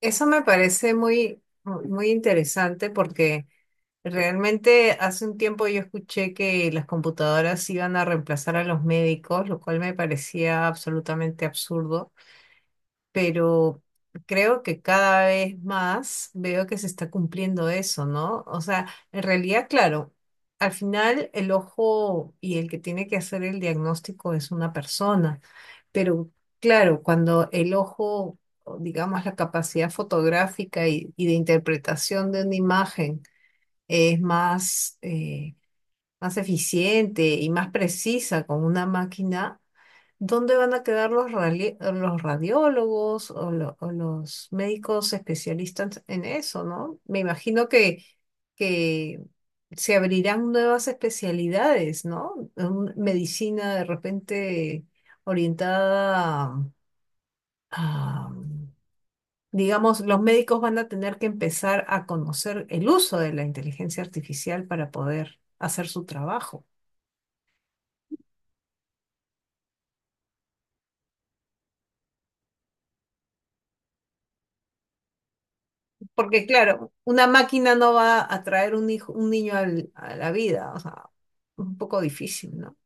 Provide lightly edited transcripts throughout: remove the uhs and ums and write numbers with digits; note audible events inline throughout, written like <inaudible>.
Eso me parece muy, muy interesante porque realmente hace un tiempo yo escuché que las computadoras iban a reemplazar a los médicos, lo cual me parecía absolutamente absurdo. Pero creo que cada vez más veo que se está cumpliendo eso, ¿no? O sea, en realidad, claro, al final el ojo y el que tiene que hacer el diagnóstico es una persona, pero claro, cuando el ojo, o digamos, la capacidad fotográfica y de interpretación de una imagen es más, más eficiente y más precisa con una máquina. ¿Dónde van a quedar los, los radiólogos o, o los médicos especialistas en eso, ¿no? Me imagino que se abrirán nuevas especialidades, ¿no? Medicina de repente orientada a, digamos, los médicos van a tener que empezar a conocer el uso de la inteligencia artificial para poder hacer su trabajo. Porque claro, una máquina no va a traer un hijo, un niño a la vida, o sea, un poco difícil, ¿no?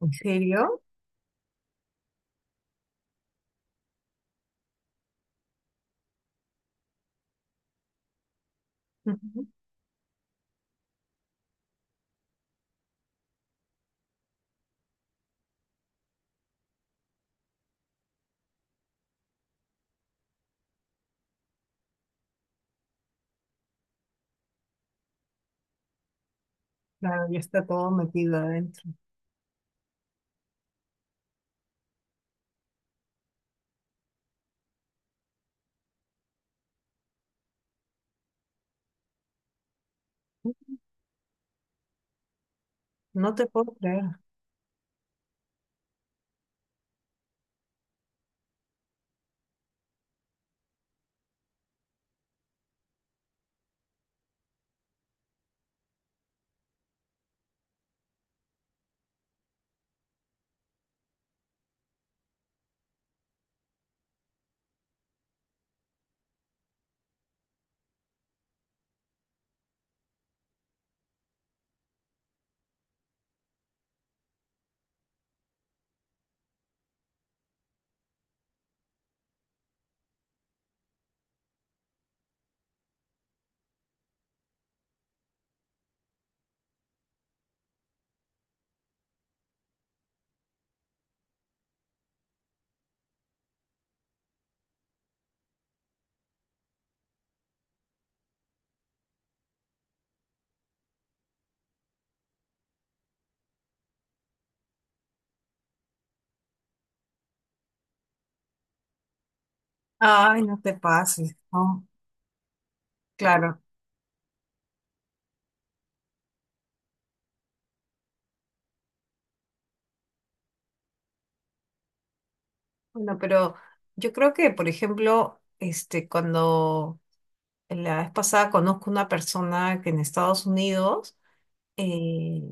¿En serio? Ujú. Claro, ya está todo metido adentro. No te puedo creer. Ay, no te pases, no. Claro. Bueno, pero yo creo que, por ejemplo, este, cuando la vez pasada conozco una persona que en Estados Unidos, eh,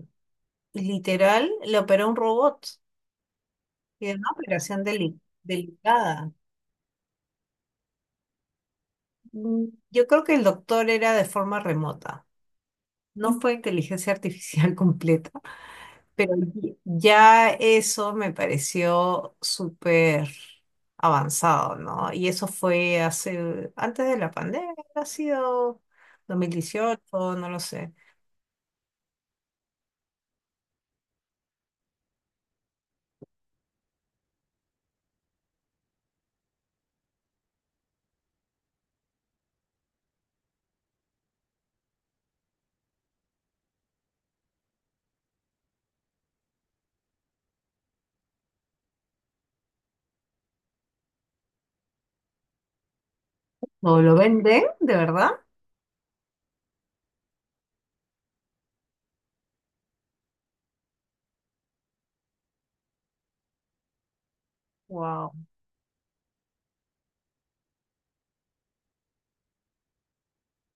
literal, le operó un robot y era una operación delicada. Mm, yo creo que el doctor era de forma remota. No fue inteligencia artificial <laughs> completa, pero ya eso me pareció súper avanzado, ¿no? Y eso fue hace, antes de la pandemia, ha sido 2018, no lo sé. ¿No lo venden, de verdad? Wow.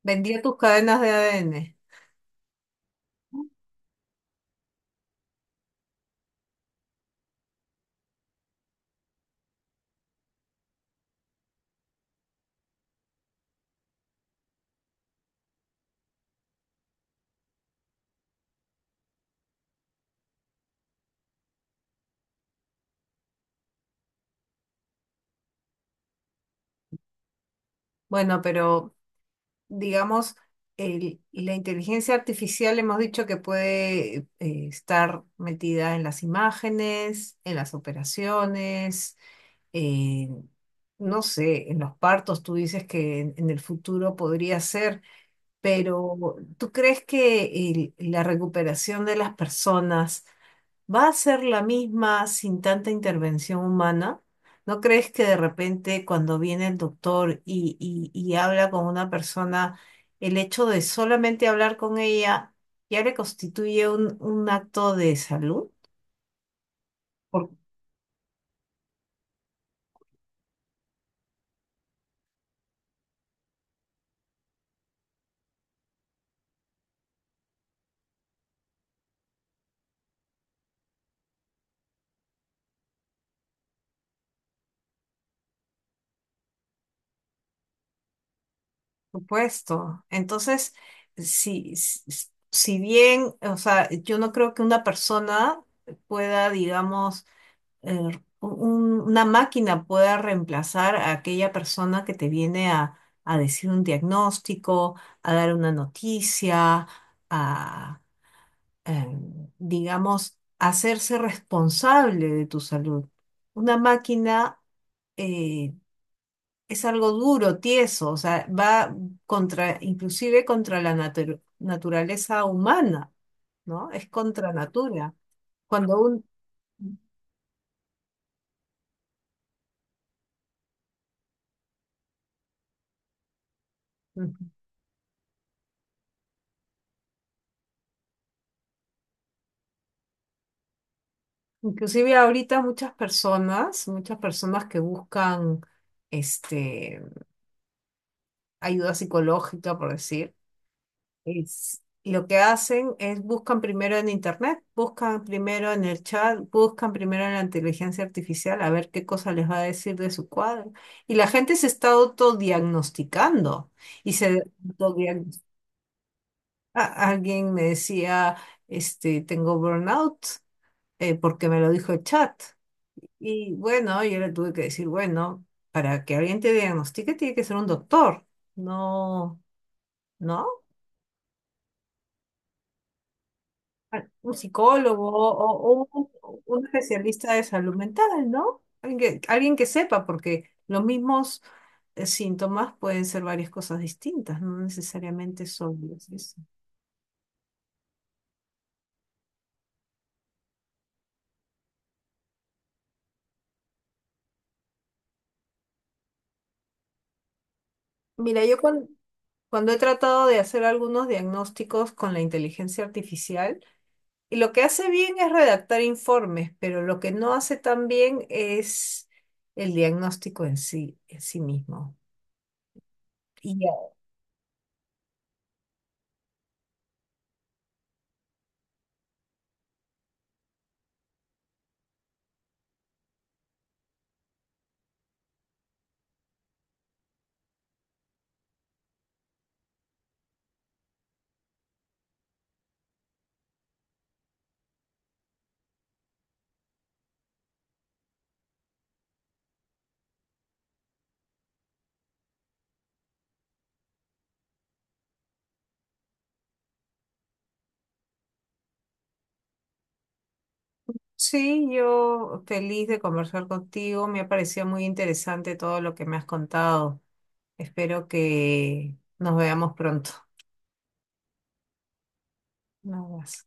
Vendía tus cadenas de ADN. Bueno, pero digamos, la inteligencia artificial hemos dicho que puede estar metida en las imágenes, en las operaciones, en, no sé, en los partos, tú dices que en el futuro podría ser, pero ¿tú crees que la recuperación de las personas va a ser la misma sin tanta intervención humana? ¿No crees que de repente cuando viene el doctor y habla con una persona, el hecho de solamente hablar con ella ya le constituye un acto de salud? Por supuesto. Entonces, si, si bien, o sea, yo no creo que una persona pueda, digamos, una máquina pueda reemplazar a aquella persona que te viene a decir un diagnóstico, a dar una noticia, a, digamos, hacerse responsable de tu salud. Una máquina, eh, es algo duro, tieso, o sea, va contra, inclusive contra la naturaleza humana, ¿no? Es contra natura. Cuando un... Inclusive ahorita muchas personas que buscan este, ayuda psicológica, por decir, lo que hacen es buscan primero en internet, buscan primero en el chat, buscan primero en la inteligencia artificial a ver qué cosa les va a decir de su cuadro. Y la gente se está autodiagnosticando y se autodiagnostica. Alguien me decía, este, tengo burnout, porque me lo dijo el chat. Y bueno, yo le tuve que decir, bueno, para que alguien te diagnostique tiene que ser un doctor, no, ¿no? Un psicólogo o un especialista de salud mental, ¿no? Alguien que sepa, porque los mismos síntomas pueden ser varias cosas distintas, no necesariamente son eso. Mira, yo cuando he tratado de hacer algunos diagnósticos con la inteligencia artificial, y lo que hace bien es redactar informes, pero lo que no hace tan bien es el diagnóstico en sí mismo. Y ya. Sí, yo feliz de conversar contigo. Me ha parecido muy interesante todo lo que me has contado. Espero que nos veamos pronto. Un abrazo.